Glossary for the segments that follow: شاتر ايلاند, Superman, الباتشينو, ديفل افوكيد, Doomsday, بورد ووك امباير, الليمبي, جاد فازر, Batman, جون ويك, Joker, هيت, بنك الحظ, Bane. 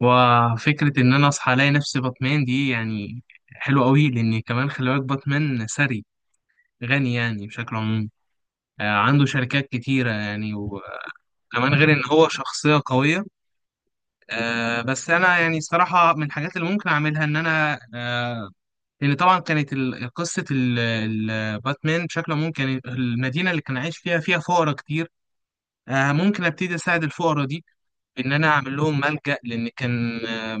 وفكرة إن أنا أصحى ألاقي نفسي باتمان دي يعني حلوة أوي، لأن كمان خلي بالك باتمان ثري غني يعني بشكل عمومي. عنده شركات كتيرة يعني، وكمان غير إن هو شخصية قوية. بس أنا يعني صراحة من الحاجات اللي ممكن أعملها إن أنا لأن طبعا كانت قصة باتمان بشكل عمومي، كان المدينة اللي كان عايش فيها فيها فقراء كتير. ممكن أبتدي أساعد الفقراء دي، إن أنا أعمل لهم ملجأ، لأن كان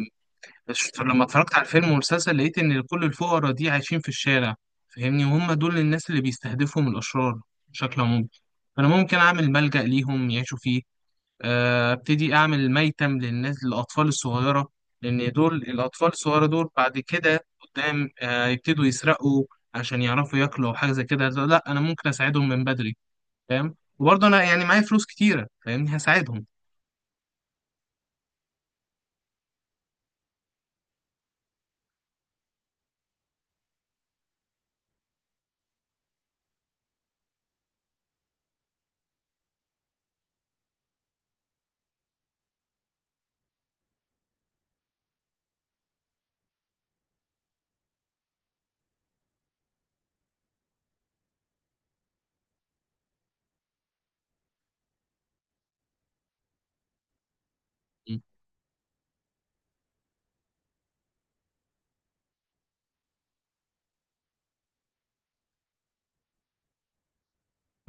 لما اتفرجت على الفيلم والمسلسل لقيت ان كل الفقراء دي عايشين في الشارع، فاهمني، وهم دول الناس اللي بيستهدفهم الاشرار بشكل عام. فانا ممكن اعمل ملجأ ليهم يعيشوا فيه. ابتدي اعمل ميتم للناس، للاطفال الصغيره، لان دول الاطفال الصغيره دول بعد كده قدام يبتدوا يسرقوا عشان يعرفوا ياكلوا او حاجه زي كده. لا، انا ممكن اساعدهم من بدري، فاهم، وبرضه انا يعني معايا فلوس كتيره، فاهمني، هساعدهم.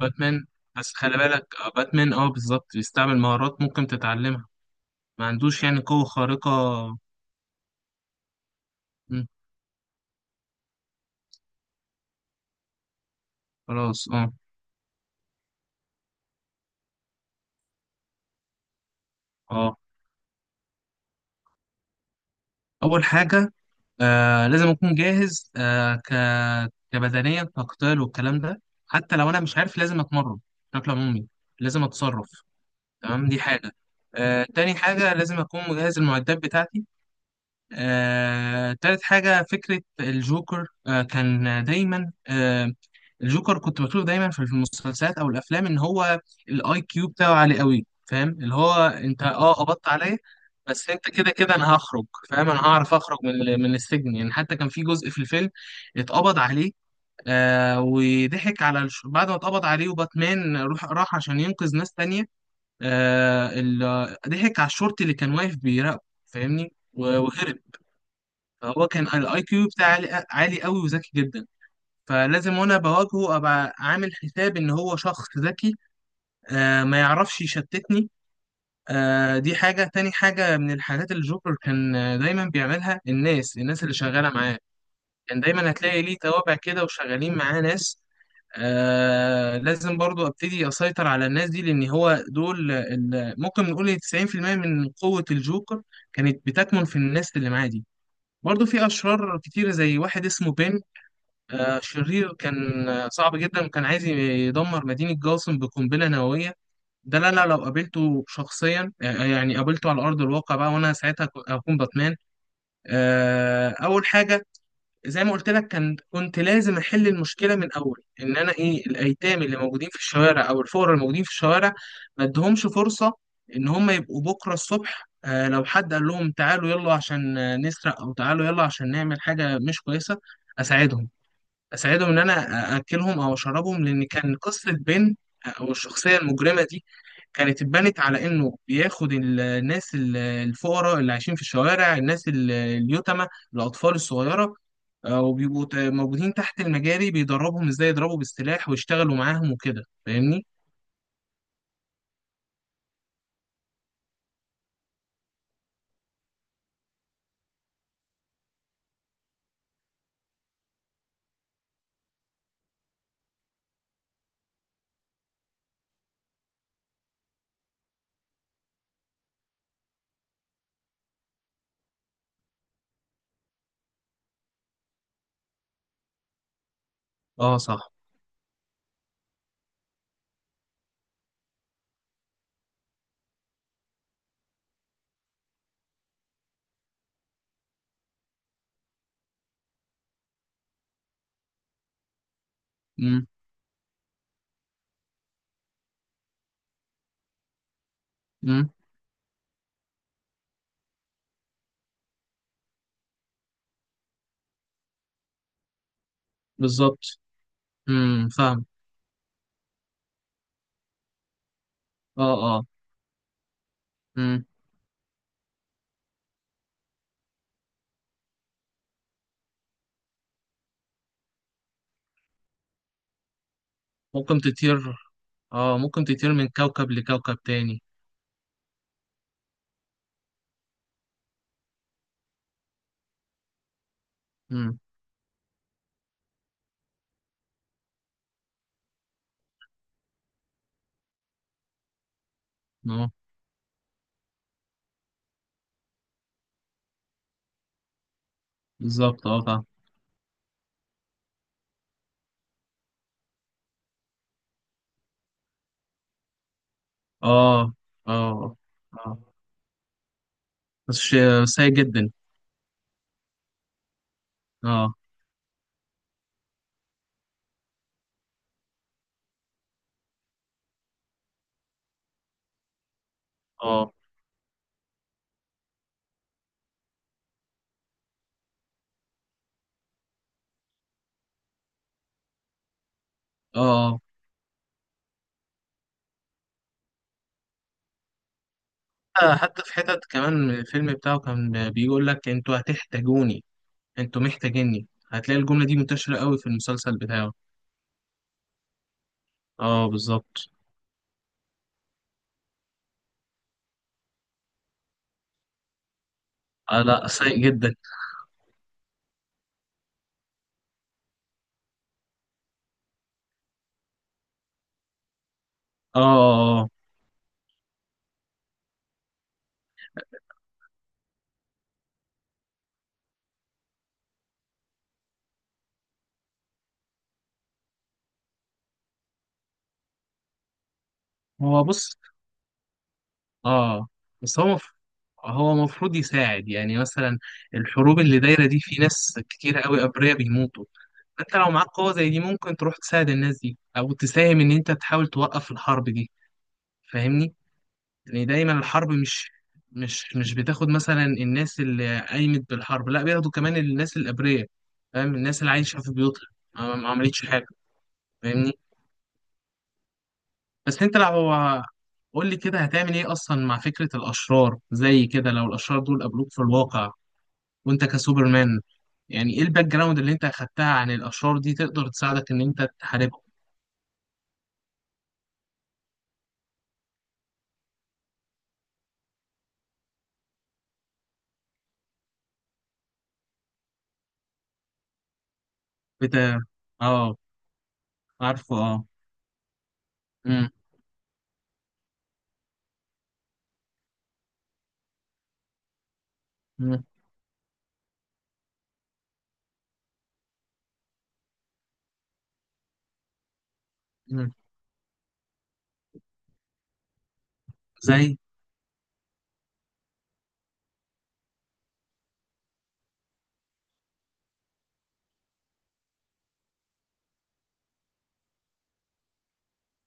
باتمان. بس خلي بالك باتمان، اه بالظبط بيستعمل مهارات ممكن تتعلمها. ما عندوش يعني قوة خارقة. مم، خلاص اه. اه، أول حاجة. لازم أكون جاهز، كبدنيا، كقتال والكلام ده. حتى لو أنا مش عارف لازم أتمرن بشكل عمومي، لازم أتصرف، تمام، دي حاجة. تاني حاجة، لازم أكون مجهز المعدات بتاعتي. تالت حاجة، فكرة الجوكر. كان دايما الجوكر كنت بشوفه دايما في المسلسلات أو الأفلام، إن هو الأي كيو بتاعه عالي قوي. فاهم اللي هو: أنت أه قبضت عليا، بس أنت كده كده أنا هخرج. فاهم، أنا هعرف أخرج من السجن. يعني حتى كان في جزء في الفيلم اتقبض عليه، وضحك على بعد ما اتقبض عليه وباتمان راح عشان ينقذ ناس تانية. آه ال... ضحك على الشرطي اللي كان واقف بيراقبه، فاهمني، وهرب. هو كان الاي كيو بتاعه عالي عالي قوي وذكي جدا. فلازم وانا بواجهه ابقى عامل حساب ان هو شخص ذكي. ما يعرفش يشتتني. دي حاجة. تاني حاجة من الحاجات اللي جوكر كان دايما بيعملها، الناس اللي شغالة معاه. كان دايما هتلاقي ليه توابع كده، وشغالين معاه ناس. لازم برضو ابتدي اسيطر على الناس دي، لان هو دول ممكن نقول 90% من قوة الجوكر كانت بتكمن في الناس اللي معاه دي. برضه في أشرار كتيرة زي واحد اسمه بين. شرير كان صعب جدا، وكان عايز يدمر مدينة جاثم بقنبلة نووية. ده لا لا لو قابلته شخصيا، يعني قابلته على أرض الواقع بقى، وأنا ساعتها هكون باتمان. أول حاجة، زي ما قلت لك، كنت لازم أحل المشكلة من أول. إن أنا إيه، الأيتام اللي موجودين في الشوارع أو الفقراء الموجودين في الشوارع، ما أديهمش فرصة إن هم يبقوا بكرة الصبح لو حد قال لهم تعالوا يلا عشان نسرق، أو تعالوا يلا عشان نعمل حاجة مش كويسة. أساعدهم، اساعدهم ان انا اكلهم او اشربهم، لان كان قصه بن او الشخصيه المجرمه دي كانت اتبنت على انه بياخد الناس الفقراء اللي عايشين في الشوارع، الناس اليتامى، الاطفال الصغيره. وبيبقوا موجودين تحت المجاري، بيدربهم ازاي يضربوا بالسلاح ويشتغلوا معاهم وكده، فاهمني. اه صح. امم. امم. بالظبط. امم، فاهم. اه. اه. امم، ممكن تطير. اه، ممكن تطير من كوكب لكوكب تاني. امم. اه، بالظبط. اه، فاهم. اه. اه. اه، بس شيء سيء جدا. اه. اه. اه. حتى في حتت كمان الفيلم بتاعه كان بيقول لك: انتوا هتحتاجوني، انتوا محتاجيني. هتلاقي الجملة دي منتشرة قوي في المسلسل بتاعه. اه، بالظبط. آه، لا سيء جدا. اه. آه. آه. هو بص. اه، بس هو هو المفروض يساعد. يعني مثلا الحروب اللي دايرة دي في ناس كتير قوي أبرياء بيموتوا، انت لو معاك قوة زي دي ممكن تروح تساعد الناس دي او تساهم ان انت تحاول توقف الحرب دي، فاهمني. يعني دايما الحرب مش بتاخد مثلا الناس اللي قايمت بالحرب، لا، بياخدوا كمان الناس الابرياء، فاهم، الناس اللي عايشة في بيوتها ما عملتش حاجة، فاهمني. بس انت لو... قول لي كده هتعمل ايه اصلا مع فكرة الاشرار زي كده، لو الاشرار دول قابلوك في الواقع وانت كسوبرمان، يعني ايه الباك جراوند اللي انت اخدتها عن الاشرار دي تقدر تساعدك ان انت تحاربهم؟ بت... اه، عارفه اه. مم. مم. مم. زي.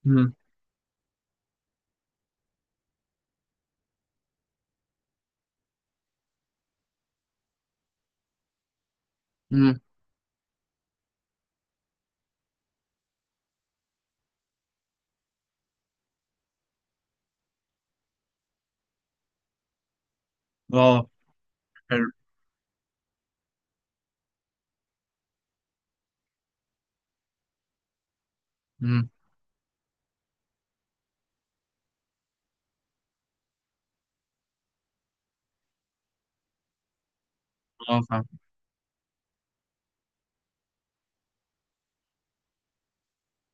مم. مم. اه، حلو. مم. اه، فاهم.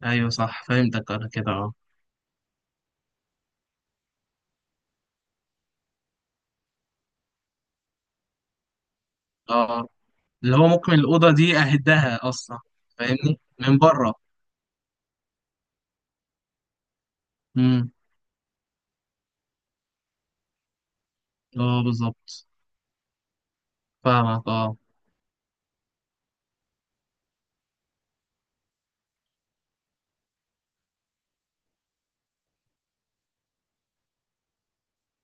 ايوه صح، فهمتك انا كده، اه. اه، اللي هو ممكن الأوضة دي أهدها أصلا، فاهمني، من بره. مم. اه بالظبط، فاهمك اه.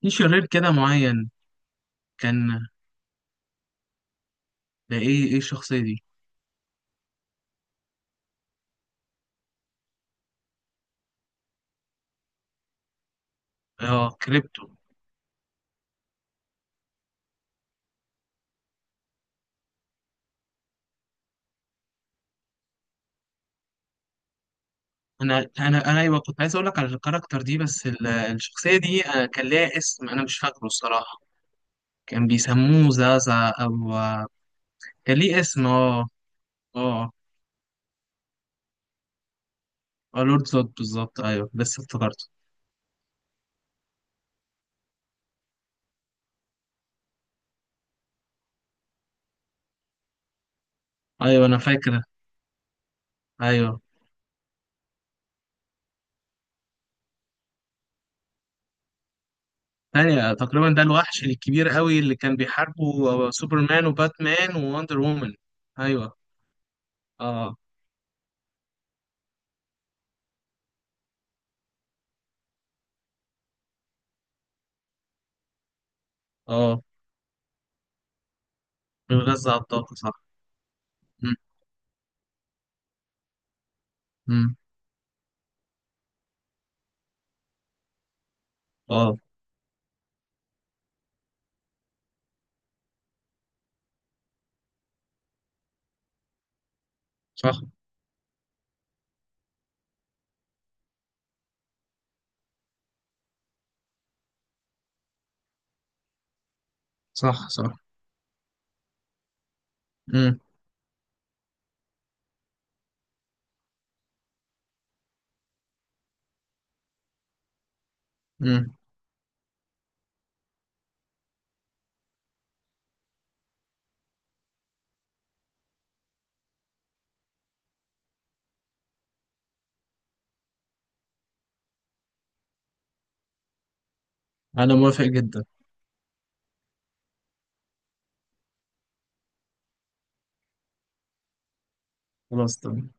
في شرير كده معين، كان... ده ايه الشخصية دي؟ اه، كريبتو. انا ايوه، كنت عايز اقول لك على الكاركتر دي، بس الشخصيه دي أنا كان ليها اسم، انا مش فاكره الصراحه. كان بيسموه زازا او كان ليه اسم اه. اه. اه، لورد زود بالظبط، ايوه لسه افتكرته. ايوه انا فاكر. ايوه، ثانية تقريبا ده الوحش الكبير قوي اللي كان بيحاربه سوبرمان وباتمان ووندر وومن. ايوه. اه. اه بيغذى على الطاقة، صح. مم. مم. اه. صح صح صح. مم. مم. انا موافق جدا. خلاص تمام.